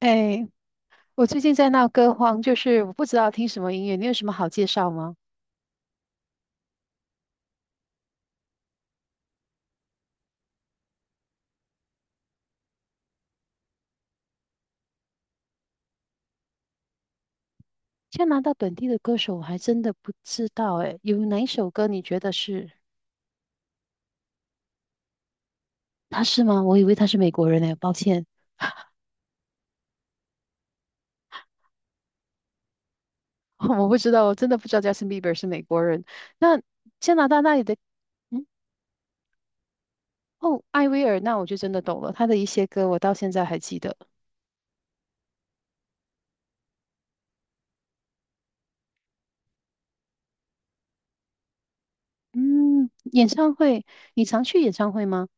哎，我最近在闹歌荒，就是我不知道听什么音乐，你有什么好介绍吗？加拿大本地的歌手我还真的不知道，哎，有哪一首歌你觉得是。他是吗？我以为他是美国人呢，抱歉。我不知道，我真的不知道 Justin Bieber 是美国人。那加拿大那里的，嗯，哦，艾薇儿，那我就真的懂了，他的一些歌我到现在还记得。嗯，演唱会，你常去演唱会吗？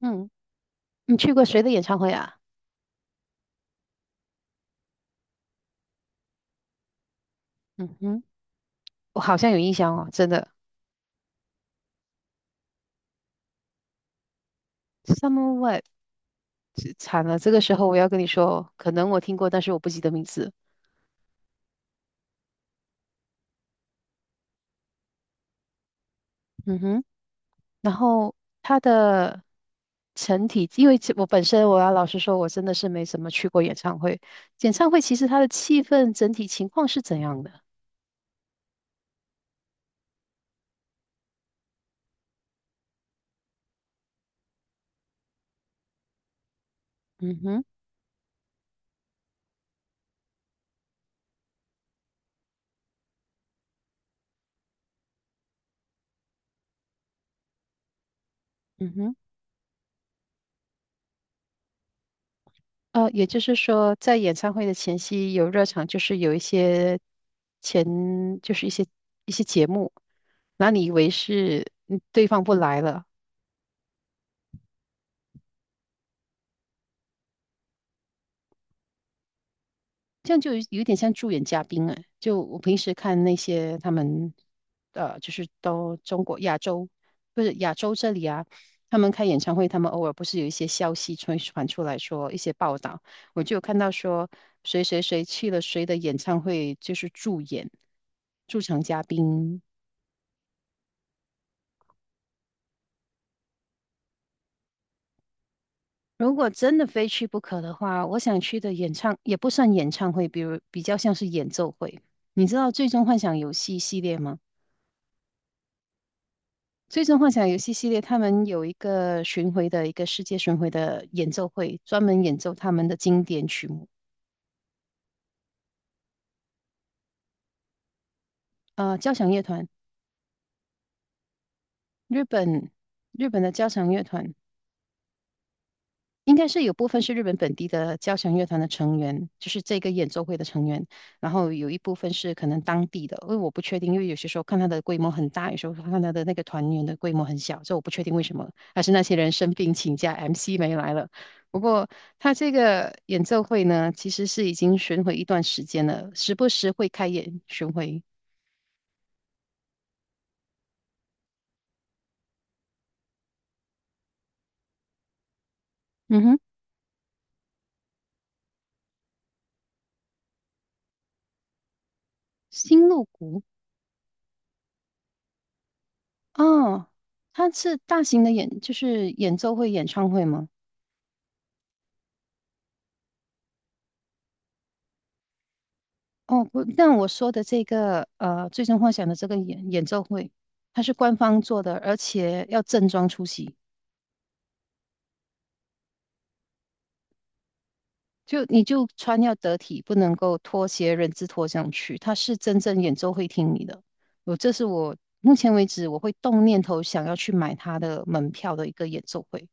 嗯，你去过谁的演唱会啊？嗯哼，我好像有印象哦，真的。Summer Webb。这惨了，这个时候我要跟你说，可能我听过，但是我不记得名字。嗯哼，然后他的成体，因为其我本身我要老实说，我真的是没怎么去过演唱会。演唱会其实它的气氛整体情况是怎样的？嗯哼，嗯哼，也就是说，在演唱会的前夕有热场，就是有一些前，就是一些节目，那你以为是嗯对方不来了，这样就有点像助演嘉宾哎。就我平时看那些他们，就是都中国亚洲，不是亚洲这里啊，他们开演唱会，他们偶尔不是有一些消息传出来说一些报道，我就有看到说谁谁谁去了谁的演唱会，就是助演驻场嘉宾。如果真的非去不可的话，我想去的演唱也不算演唱会，比如比较像是演奏会。你知道《最终幻想游戏》系列吗？最终幻想游戏系列，他们有一个巡回的一个世界巡回的演奏会，专门演奏他们的经典曲目。啊，交响乐团，日本日本的交响乐团，应该是有部分是日本本地的交响乐团的成员，就是这个演奏会的成员，然后有一部分是可能当地的，因为我不确定，因为有些时候看他的规模很大，有时候看他的那个团员的规模很小，所以我不确定为什么，还是那些人生病请假，MC 没来了。不过他这个演奏会呢，其实是已经巡回一段时间了，时不时会开演巡回。嗯哼，新露谷哦，他是大型的演，就是演奏会、演唱会吗？哦，不，但我说的这个最终幻想》的这个演奏会，它是官方做的，而且要正装出席，就你就穿要得体，不能够拖鞋、人字拖上去。它是真正演奏会厅里的，我这是我目前为止我会动念头想要去买它的门票的一个演奏会。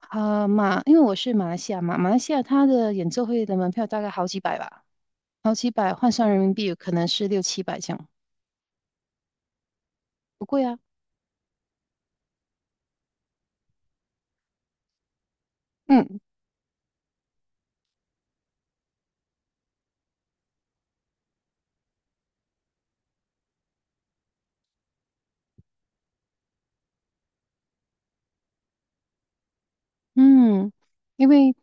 啊、马，因为我是马来西亚嘛，马来西亚它的演奏会的门票大概好几百吧，好几百换算人民币可能是六七百这样，不贵啊。嗯，嗯，因为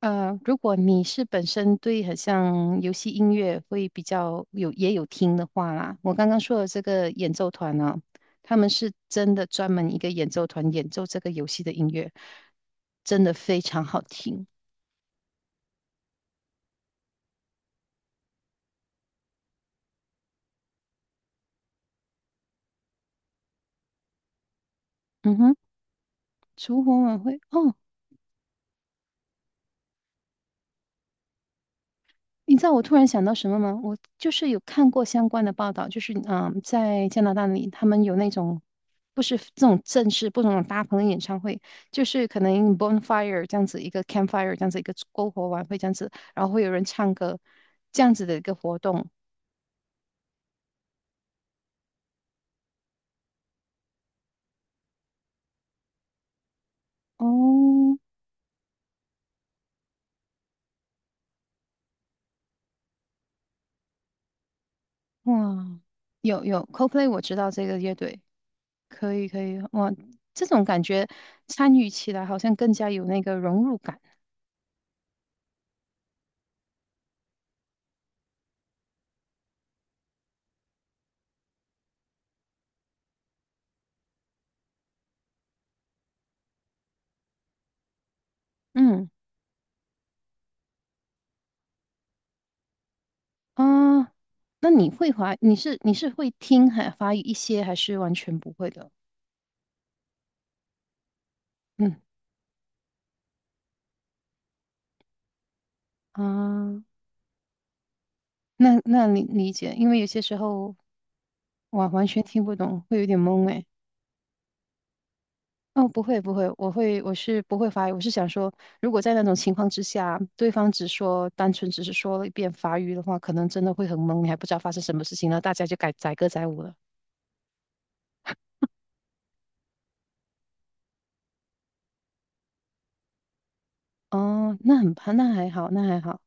如果你是本身对很像游戏音乐会比较有也有听的话啦，我刚刚说的这个演奏团呢、他们是真的专门一个演奏团演奏这个游戏的音乐，真的非常好听。嗯哼，烛火晚会哦，你知道我突然想到什么吗？我就是有看过相关的报道，就是嗯，在加拿大里，他们有那种不是这种正式，不是那种大棚的演唱会，就是可能 bonfire 这样子一个 campfire 这样子一个篝火晚会这样子，然后会有人唱歌这样子的一个活动。哦，哇，有 c o p l a y 我知道这个乐队，可以可以，哇，这种感觉参与起来好像更加有那个融入感。嗯。啊，那你会华，你是会听还法语一些，还是完全不会的？嗯啊，那那你理解，因为有些时候我完全听不懂，会有点懵诶。哦，不会不会，我是不会法语，我是想说，如果在那种情况之下，对方只说单纯只是说了一遍法语的话，可能真的会很懵，你还不知道发生什么事情了，大家就改载歌载舞了。哦，那很那还好，那还好，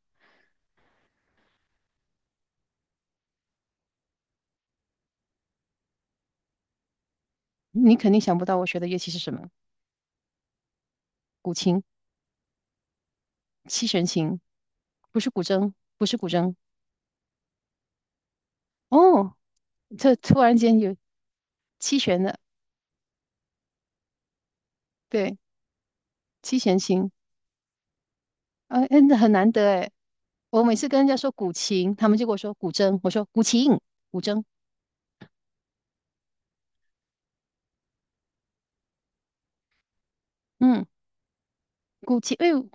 你肯定想不到我学的乐器是什么，古琴。七弦琴，不是古筝，不是古筝。哦，这突然间有七弦的，对，七弦琴，啊，哎，那很难得哎。我每次跟人家说古琴，他们就跟我说古筝，我说古琴，古筝，嗯，古琴，哎呦，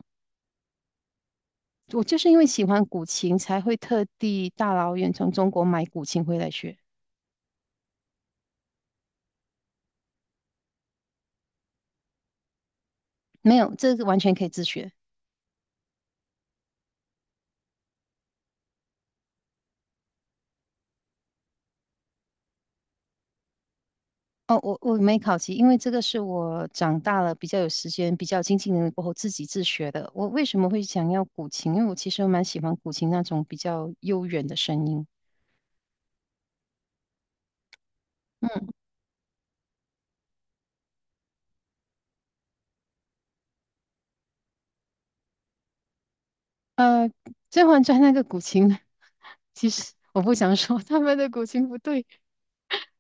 我就是因为喜欢古琴，才会特地大老远从中国买古琴回来学。没有，这个完全可以自学。哦，我没考级，因为这个是我长大了比较有时间、比较经济能力过后自己自学的。我为什么会想要古琴？因为我其实蛮喜欢古琴那种比较悠远的声音。嗯，《甄嬛传》那个古琴，其实我不想说他们的古琴不对，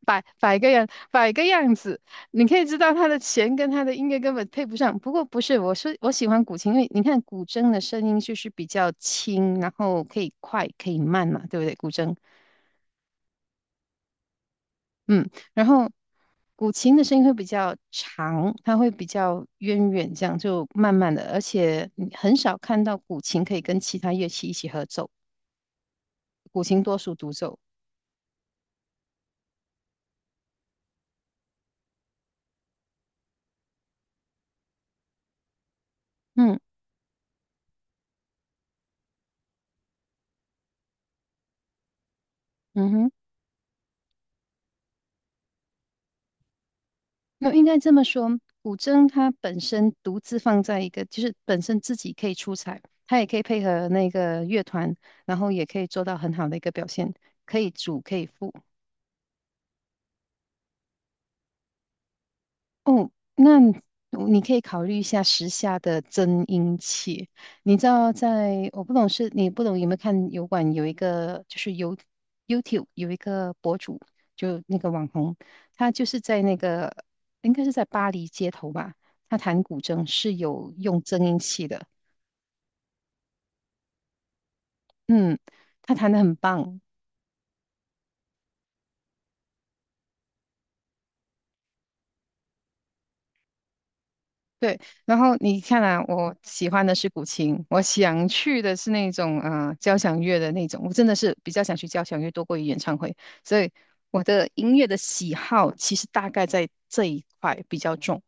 摆个样，摆个样子，你可以知道他的弦跟他的音乐根本配不上。不过不是，我说我喜欢古琴，因为你看古筝的声音就是比较轻，然后可以快可以慢嘛，对不对？古筝。嗯，然后古琴的声音会比较长，它会比较渊远，这样就慢慢的，而且你很少看到古琴可以跟其他乐器一起合奏，古琴多数独奏。嗯嗯哼，那应该这么说，古筝它本身独自放在一个，就是本身自己可以出彩，它也可以配合那个乐团，然后也可以做到很好的一个表现，可以主可以副。哦，那你可以考虑一下时下的增音器。你知道在，我不懂是你不懂有没有看油管有一个就是有 YouTube 有一个博主，就那个网红，他就是在那个应该是在巴黎街头吧，他弹古筝是有用增音器的，嗯，他弹的很棒，对，然后你看啊，我喜欢的是古琴，我想去的是那种啊、交响乐的那种，我真的是比较想去交响乐多过于演唱会，所以我的音乐的喜好其实大概在这一块比较重，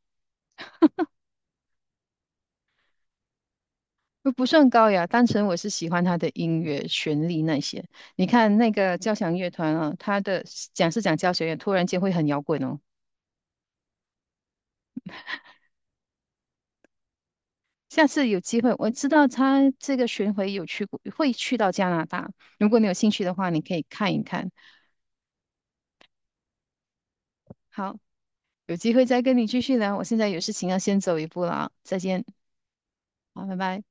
又不算高雅，单纯我是喜欢他的音乐旋律那些。你看那个交响乐团啊，他的讲是讲交响乐，突然间会很摇滚哦。下次有机会，我知道他这个巡回有去过，会去到加拿大。如果你有兴趣的话，你可以看一看。好，有机会再跟你继续聊，我现在有事情要先走一步了啊，再见，好，拜拜。